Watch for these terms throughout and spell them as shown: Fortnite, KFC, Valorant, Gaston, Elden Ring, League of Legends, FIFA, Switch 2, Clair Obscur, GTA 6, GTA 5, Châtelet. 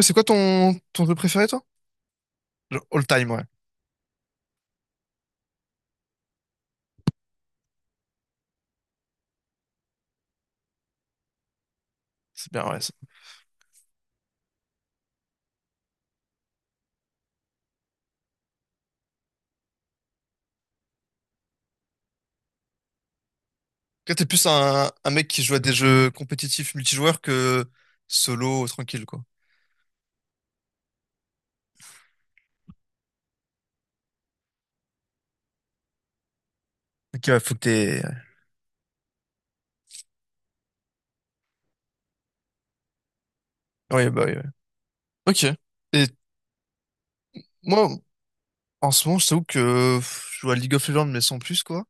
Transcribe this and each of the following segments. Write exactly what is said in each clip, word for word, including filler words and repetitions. C'est quoi ton, ton jeu préféré, toi? Genre, all time, ouais. C'est bien, ouais, ça. Toi, t'es plus un, un mec qui joue à des jeux compétitifs multijoueurs que solo, tranquille, quoi. Ok, ouais, faut que t'aies... Ouais, bah oui, ouais. Ok. Et moi, en ce moment, je t'avoue que pff, je joue à League of Legends, mais sans plus, quoi.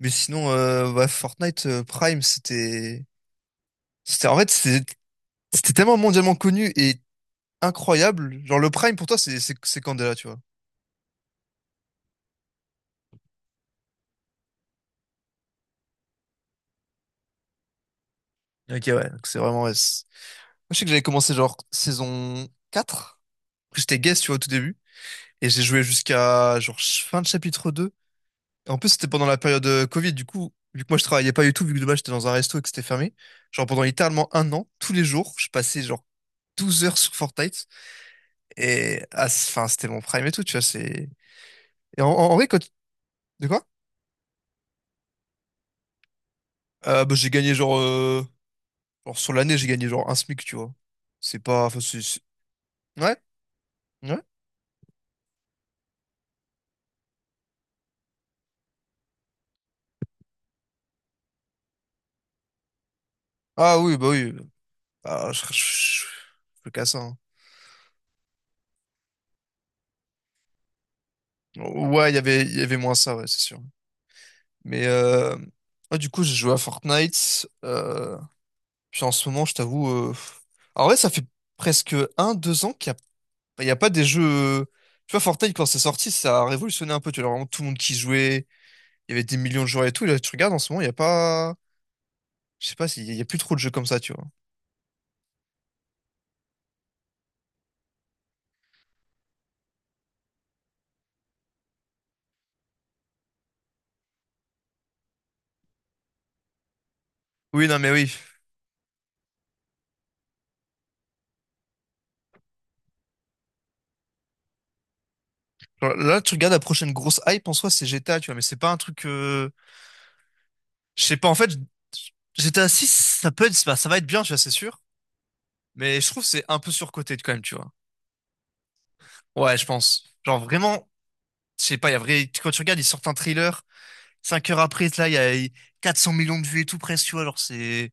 Mais sinon, euh, ouais, Fortnite euh, Prime, c'était... C'était... En fait, c'était c'était tellement mondialement connu et incroyable. Genre, le Prime, pour toi, c'est c'est c'est Candela, tu vois. Ok, ouais. Donc, c'est vraiment... ouais, c'est- moi, je sais que j'avais commencé, genre, saison quatre. Après, j'étais guest, tu vois, au tout début. Et j'ai joué jusqu'à genre ch- fin de chapitre deux. Et en plus, c'était pendant la période euh, Covid. Du coup, vu que moi, je travaillais pas du tout, vu que de base, j'étais dans un resto et que c'était fermé. Genre, pendant littéralement un an, tous les jours, je passais genre douze heures sur Fortnite. Et ah, c- enfin, c'était mon prime et tout, tu vois. C'est... Et en, en- en vrai, quand... De quoi? Euh, bah, j'ai gagné genre, euh, genre sur l'année, j'ai gagné genre un SMIC, tu vois. C'est pas... Enfin, c'est... c'est- Ouais? Ouais? Ah oui, bah oui. Ah, je, je, je- je peux qu'à ça, hein. Ouais, il y avait, il y avait moins ça, ouais, c'est sûr. Mais euh, ouais, du coup, j'ai joué à Fortnite. euh, puis en ce moment, je t'avoue. euh, En vrai, ça fait presque un, deux ans qu'il n'y a... bah, il y a pas des jeux. Tu vois, Fortnite, quand c'est sorti, ça a révolutionné un peu. Tu vois, vraiment tout le monde qui jouait. Il y avait des millions de joueurs et tout. Et là, tu regardes en ce moment, il n'y a pas. Je sais pas, s'il y a il y a plus trop de jeux comme ça, tu vois. Oui, non, mais oui. Genre, là, tu regardes la prochaine grosse hype en soi, c'est G T A, tu vois. Mais c'est pas un truc. euh, Je sais pas, en fait, G T A six, ça peut être... bah, ça va être bien, tu vois, c'est sûr. Mais je trouve que c'est un peu surcoté quand même, tu vois. Ouais, je pense. Genre vraiment, je sais pas, il y a vrai, quand tu regardes, ils sortent un trailer, cinq heures après, là, il y a quatre cents millions de vues et tout presque, tu vois, genre c'est...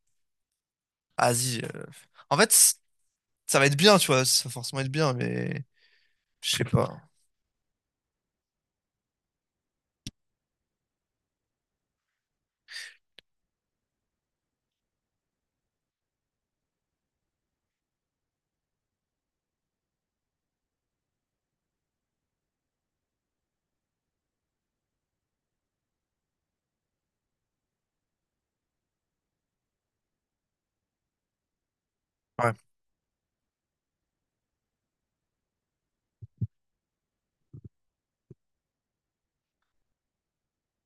Vas-y. euh. En fait, c- ça va être bien, tu vois, ça va forcément être bien, mais je sais pas. Ouais.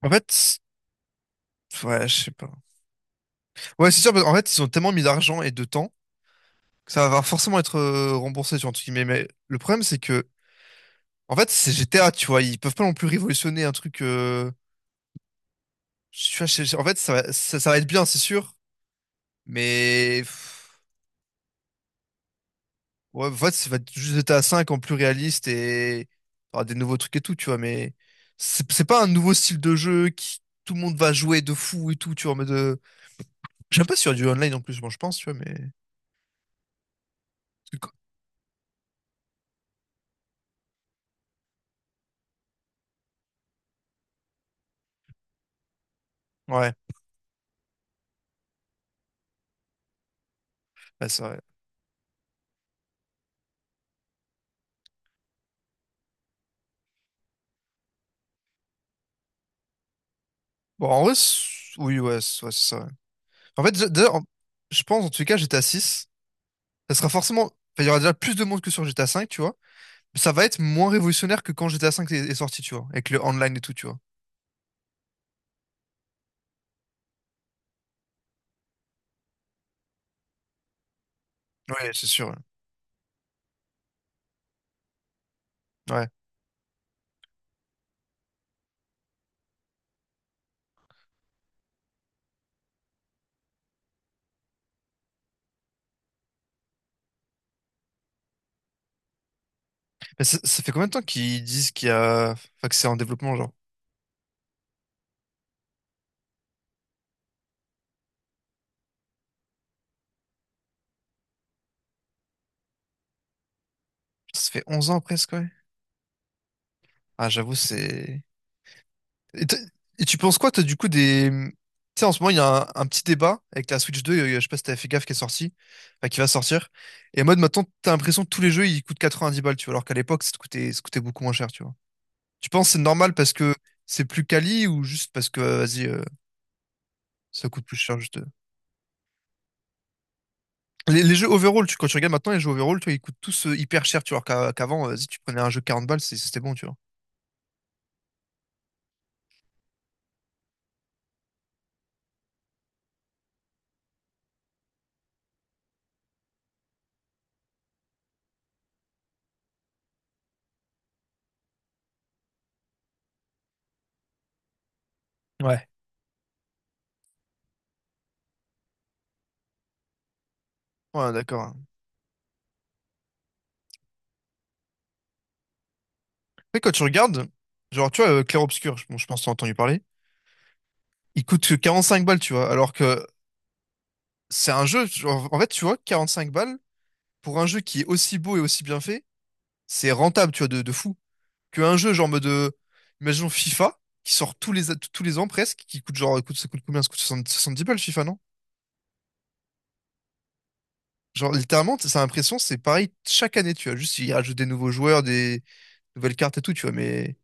En fait, ouais, je sais pas. Ouais, c'est sûr, parce qu'en fait, ils ont tellement mis d'argent et de temps que ça va forcément être euh, remboursé, tu vois, entre guillemets. Mais le problème, c'est que, en fait, c'est G T A, tu vois, ils peuvent pas non plus révolutionner un truc... euh, tu vois, je- je- en fait, ça va, ça ça va être bien, c'est sûr, mais... Ouais, en fait, ça va être juste G T A cinq en plus réaliste et t'auras des nouveaux trucs et tout, tu vois, mais c'est c'est pas un nouveau style de jeu qui tout le monde va jouer de fou et tout, tu vois, mais de... Je sais pas s'il y a du online en plus, moi je pense, tu vois, mais... Parce que- ouais, ouais, c'est vrai. Bon, en vrai, c'est- oui, ouais, c'est ouais, c'est ça, ouais. En fait, déjà, déjà, en- je pense, en tout cas, G T A six, ça sera forcément... enfin, il y aura déjà plus de monde que sur G T A cinq, tu vois, mais ça va être moins révolutionnaire que quand G T A cinq est, est sorti, tu vois, avec le online et tout, tu vois. Ouais, c'est sûr, ouais. Mais ça, ça fait combien de temps qu'ils disent qu'il y a... Enfin, que c'est en développement, genre? Putain, ça fait onze ans presque, ouais. Ah, j'avoue, c'est... Et, t'as- et tu penses quoi, toi, du coup, des... Tu sais, en ce moment, il y a un, un petit débat avec la Switch deux, euh, je sais pas si t'avais fait gaffe, qui est sortie, enfin, qui va sortir. Et en mode, maintenant, t'as l'impression que tous les jeux, ils coûtent quatre-vingt-dix balles, tu vois, alors qu'à l'époque, ça te coûtait, ça coûtait beaucoup moins cher, tu vois. Tu penses que c'est normal parce que c'est plus quali ou juste parce que, euh, vas-y, euh, ça coûte plus cher, juste... Les, les jeux overall, tu, quand tu regardes maintenant les jeux overall, tu vois, ils coûtent tous euh, hyper cher, tu vois, qu'à- qu'avant, euh, si tu prenais un jeu quarante balles, c'est- c'était bon, tu vois. Ouais. Ouais, d'accord. Après, quand tu regardes, genre, tu vois, euh, Clair Obscur, je, bon, je pense que t'as entendu parler, il coûte que cinq balles, tu vois, alors que c'est un jeu, genre, en fait, tu vois, quarante-cinq balles, pour un jeu qui est aussi beau et aussi bien fait, c'est rentable, tu vois, de, de fou. Qu'un jeu, genre, en mode, euh, imaginons FIFA, qui sort tous les, tous les ans presque, qui coûte genre, coûte, ça coûte combien? Ça coûte soixante-dix balles, FIFA, non? Genre, littéralement, t- ça a l'impression, c'est pareil chaque année, tu vois. Juste, ils rajoutent des nouveaux joueurs, des nouvelles cartes et tout, tu vois. Mais,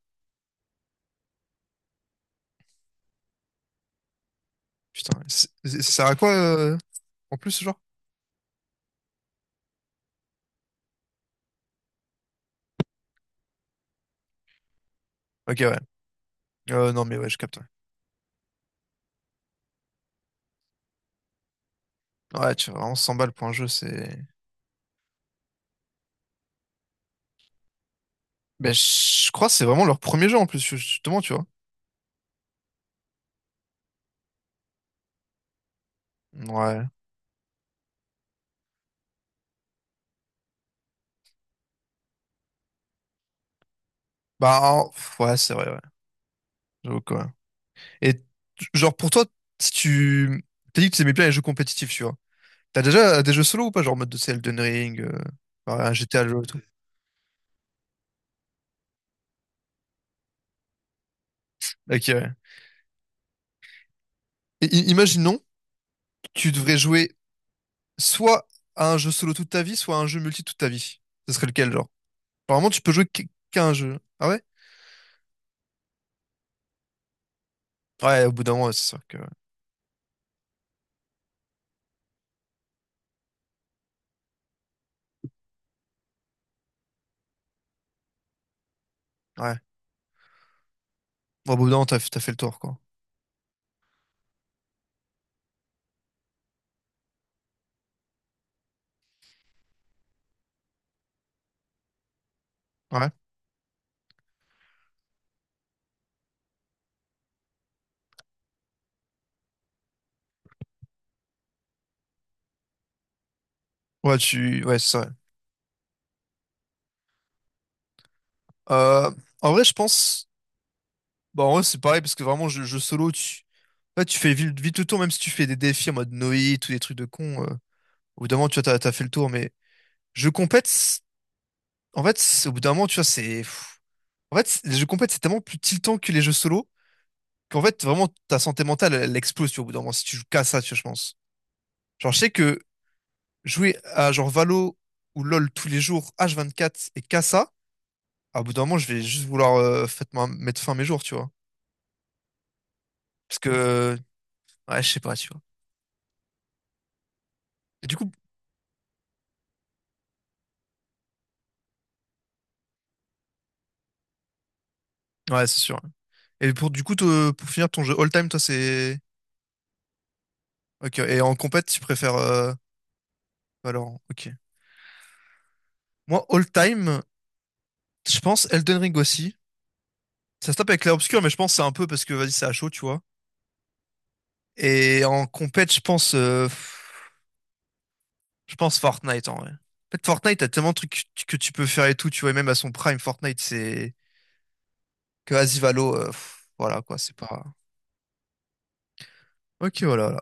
putain, c'est- c'est- ça sert à quoi, euh, en plus, ce genre? Ok, ouais. Euh, non, mais ouais, je capte. Ouais, ouais, tu vois, vraiment cent balles pour un jeu, c'est. Ben, je crois que c'est vraiment leur premier jeu, en plus, justement, tu vois. Ouais. Bah, en- pff, ouais, c'est vrai, ouais. J'avoue quoi. Et, t- genre, pour toi, si tu. T'as dit que tu aimais bien les jeux compétitifs, tu vois. T'as déjà euh, des jeux solo ou pas? Genre, en mode de Elden Ring, euh, enfin, un G T A, le jeu et tout. Ok, ouais. Et, i- imaginons, tu devrais jouer soit à un jeu solo toute ta vie, soit à un jeu multi toute ta vie. Ce serait lequel, genre? Apparemment, tu peux jouer qu- qu'à un jeu. Ah ouais? Ouais, au bout d'un moment, c'est sûr que. Ouais. Bon, au bout d'un moment, t'as, t'as fait le tour, quoi. Ouais. Ouais, tu. Ouais, c'est vrai. Euh, en vrai, je pense. Bon, en vrai, c'est pareil, parce que vraiment, jeu, jeu solo, tu. Ouais, tu fais vite, vite le tour, même si tu fais des défis en mode Noé, tous des trucs de con. euh, Au bout d'un moment, tu vois, t'as, t'as fait le tour, mais. Jeu compète, c'est- en fait, c'est- au bout d'un moment, tu vois, c'est. Pff. En fait, c'est- les jeux compètes, c'est tellement plus tiltant que les jeux solo. Qu'en fait, vraiment, ta santé mentale, elle, elle explose, tu vois, au bout d'un moment, si tu joues qu'à ça, tu vois, je pense. Genre, je sais que jouer à genre Valo ou LoL tous les jours, H vingt-quatre et qu'à ça, à bout d'un moment, je vais juste vouloir euh, faitement mettre fin à mes jours, tu vois. Parce que, ouais, je sais pas, tu vois. Et du coup, ouais, c'est sûr, hein. Et pour, du coup, te- pour finir ton jeu all-time, toi, c'est. Ok, et en compète, tu préfères euh, Valorant, ok. Moi, all-time, je pense Elden Ring aussi. Ça se tape avec l'air obscur, mais je pense que c'est un peu parce que, vas-y, c'est à chaud, tu vois. Et en compète, je pense. euh, Je pense Fortnite en vrai. En fait, Fortnite, t'as tellement de trucs que que tu peux faire et tout, tu vois, et même à son prime, Fortnite, c'est que Asivalo, voilà quoi, c'est pas. Ok, voilà.